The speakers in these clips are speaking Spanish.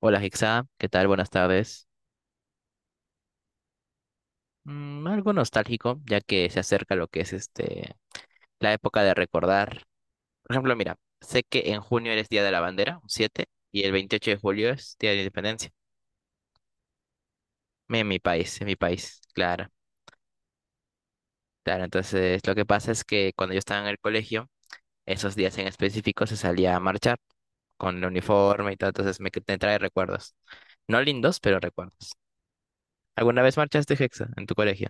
Hola Hexa, ¿qué tal? Buenas tardes. Algo nostálgico, ya que se acerca lo que es la época de recordar. Por ejemplo, mira, sé que en junio eres Día de la Bandera, un 7, y el 28 de julio es Día de la Independencia. En mi país, claro. Claro, entonces lo que pasa es que cuando yo estaba en el colegio, esos días en específico se salía a marchar con el uniforme y todo, entonces me trae recuerdos. No lindos, pero recuerdos. ¿Alguna vez marchaste, Hexa, en tu colegio?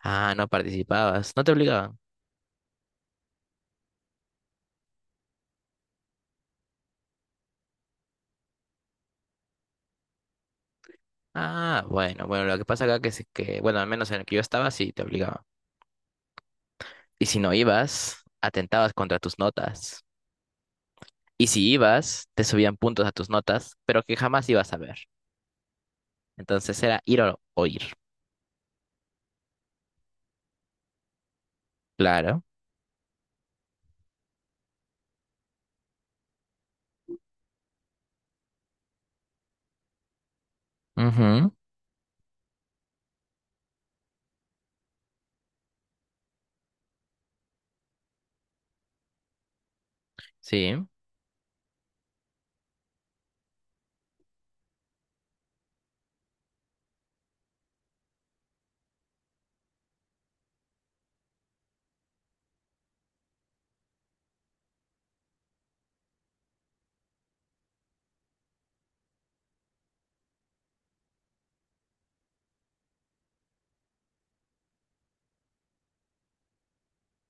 Ah, no participabas, no te obligaban. Ah, bueno, bueno, lo que pasa acá que es que, bueno, al menos en el que yo estaba, sí te obligaban. Y si no ibas, atentabas contra tus notas. Y si ibas, te subían puntos a tus notas, pero que jamás ibas a ver. Entonces era ir o ir. Claro. Ujú. Sí,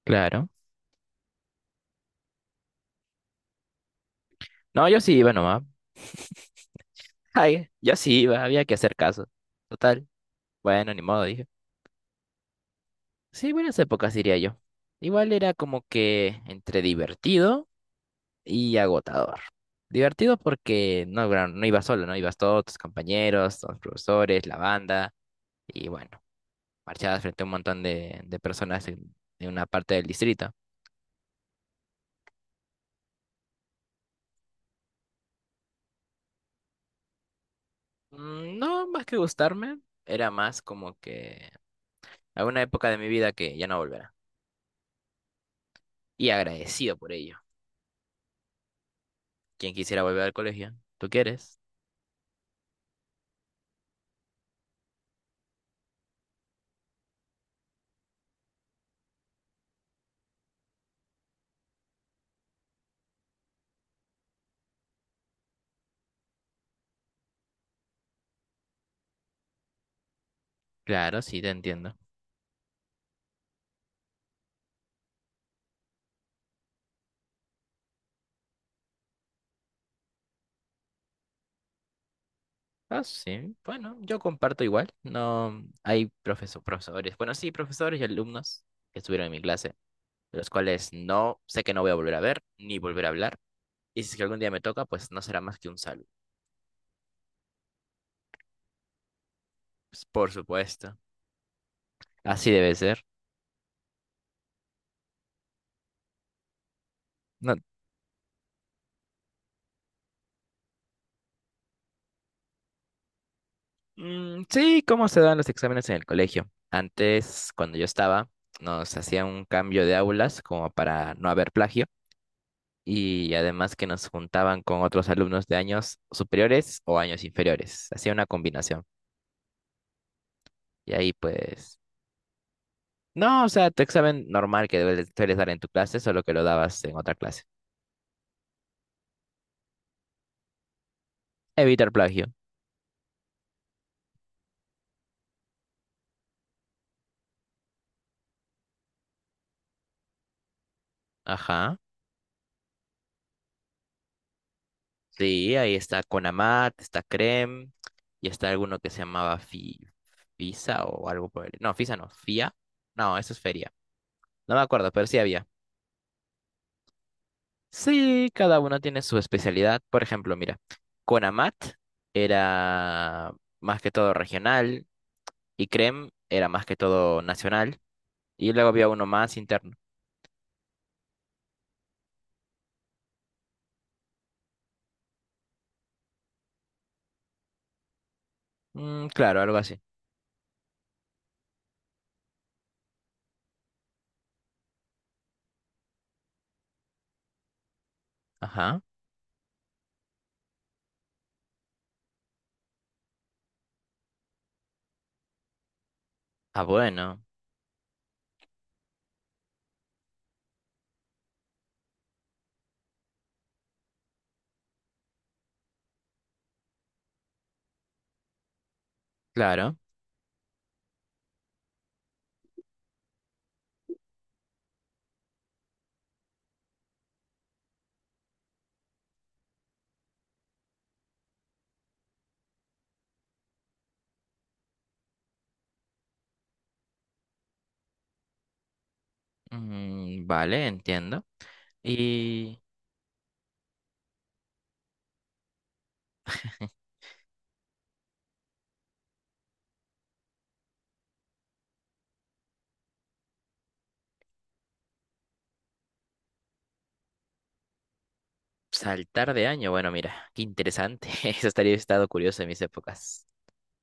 claro. No, yo sí iba nomás. Ay, yo sí iba, había que hacer caso. Total. Bueno, ni modo, dije. Sí, buenas épocas, diría yo. Igual era como que entre divertido y agotador. Divertido porque no, no ibas solo, ¿no? Ibas todos tus compañeros, los profesores, la banda, y bueno, marchabas frente a un montón de personas de una parte del distrito. No, más que gustarme, era más como que alguna época de mi vida que ya no volverá. Y agradecido por ello. ¿Quién quisiera volver al colegio? ¿Tú quieres? Claro, sí, te entiendo. Ah, sí, bueno, yo comparto igual. No hay profesores. Bueno, sí, profesores y alumnos que estuvieron en mi clase los cuales no sé que no voy a volver a ver ni volver a hablar. Y si es que algún día me toca, pues no será más que un saludo. Pues, por supuesto, así debe ser. No, sí, ¿cómo se dan los exámenes en el colegio? Antes, cuando yo estaba, nos hacían un cambio de aulas como para no haber plagio y además que nos juntaban con otros alumnos de años superiores o años inferiores. Hacía una combinación. Y ahí pues. No, o sea, tu examen normal que sueles dar en tu clase, solo que lo dabas en otra clase. Evitar plagio. Ajá. Sí, ahí está Conamat, está Crem, y está alguno que se llamaba Fisa o algo por el. No, Fisa no, Fia. No, eso es Feria. No me acuerdo, pero sí había. Sí, cada uno tiene su especialidad. Por ejemplo, mira, Conamat era más que todo regional y Crem era más que todo nacional. Y luego había uno más interno. Claro, algo así. Ajá. Ah, bueno, claro. Vale, entiendo. Y saltar de año, bueno, mira, qué interesante. Eso estaría estado curioso en mis épocas.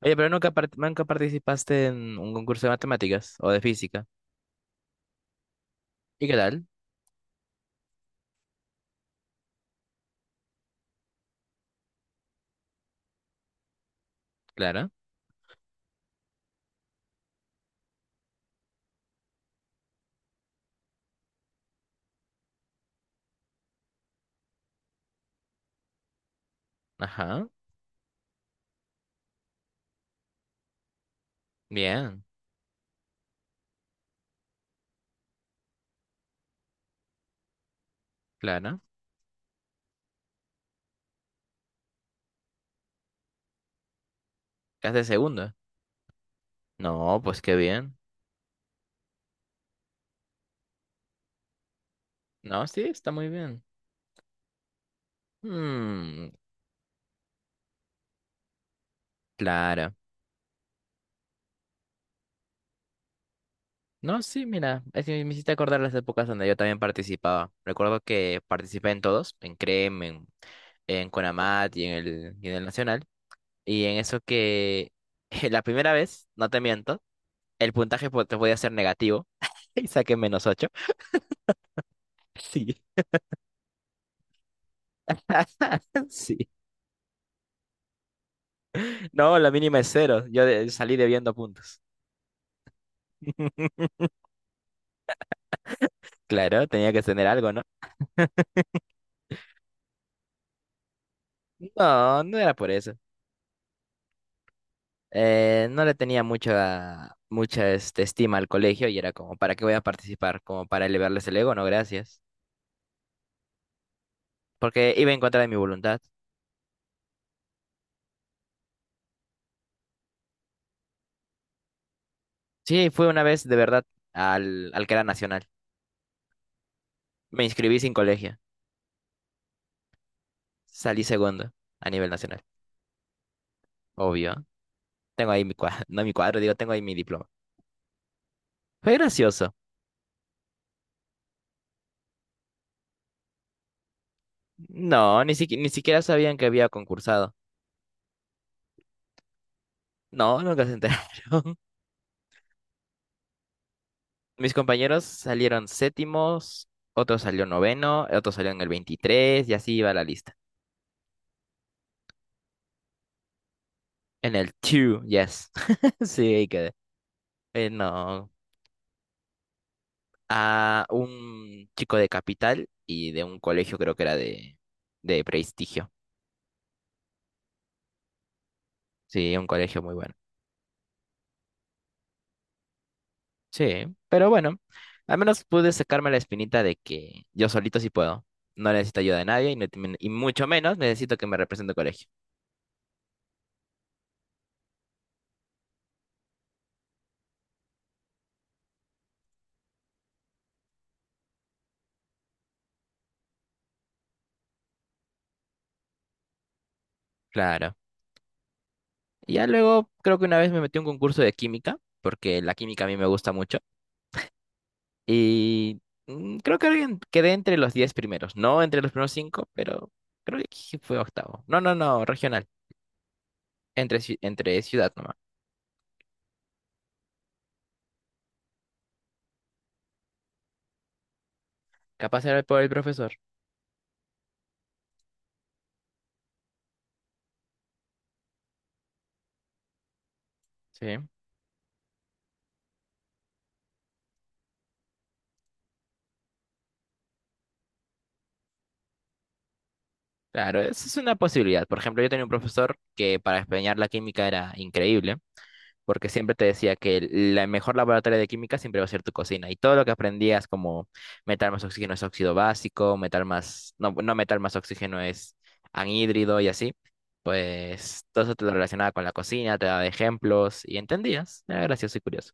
Oye, pero nunca, nunca participaste en un concurso de matemáticas o de física. ¿Y qué tal? Clara. Ajá. Bien. Clara. ¿Qué haces de segunda? No, pues qué bien. No, sí, está muy bien. Mmm, Clara. No, sí, mira, es que me hiciste acordar las épocas donde yo también participaba. Recuerdo que participé en todos, en CREM, en CONAMAT y en el Nacional. Y en eso que la primera vez, no te miento, el puntaje te podía ser negativo y saqué -8. Sí. Sí. No, la mínima es cero. Yo salí debiendo puntos. Claro, tenía que tener algo, ¿no? No, no era por eso. No le tenía mucha estima al colegio y era como, ¿para qué voy a participar? Como para elevarles el ego, no, gracias. Porque iba en contra de mi voluntad. Sí, fue una vez de verdad al que era nacional. Me inscribí sin colegio. Salí segundo a nivel nacional, obvio. Tengo ahí mi cuadro, no mi cuadro, digo, tengo ahí mi diploma. Fue gracioso. No, ni siquiera sabían que había concursado. No, nunca se enteraron. Mis compañeros salieron séptimos, otro salió noveno, otro salió en el 23, y así iba la lista. En el two, yes. Sí, ahí quedé. No, a un chico de capital y de un colegio, creo que era de prestigio. Sí, un colegio muy bueno. Sí, pero bueno, al menos pude sacarme la espinita de que yo solito sí puedo. No necesito ayuda de nadie y, no te- y mucho menos necesito que me represente el colegio. Claro. Y ya luego creo que una vez me metí a un concurso de química, porque la química a mí me gusta mucho. Y creo que quedé entre los 10 primeros. No entre los primeros 5, pero creo que sí fue octavo. No, no, no, regional. Entre ciudad nomás. Capaz era por el profesor. Sí. Claro, eso es una posibilidad. Por ejemplo, yo tenía un profesor que para enseñar la química era increíble, porque siempre te decía que la mejor laboratorio de química siempre va a ser tu cocina. Y todo lo que aprendías, como metal más oxígeno es óxido básico, metal más, no, no metal más oxígeno es anhídrido y así, pues todo eso te lo relacionaba con la cocina, te daba ejemplos y entendías. Era gracioso y curioso.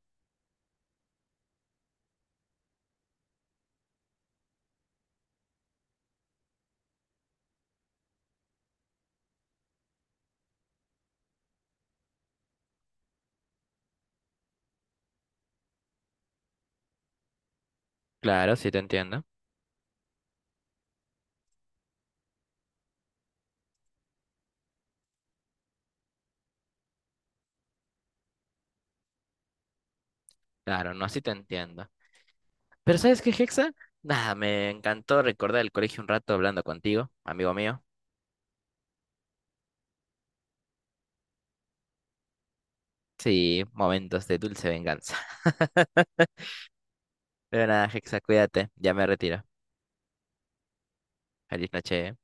Claro, sí te entiendo. Claro, no, sí te entiendo. Pero ¿sabes qué, Hexa? Nada, me encantó recordar el colegio un rato hablando contigo, amigo mío. Sí, momentos de dulce venganza. Pero nada, Hexa, cuídate. Ya me retiro. Feliz noche.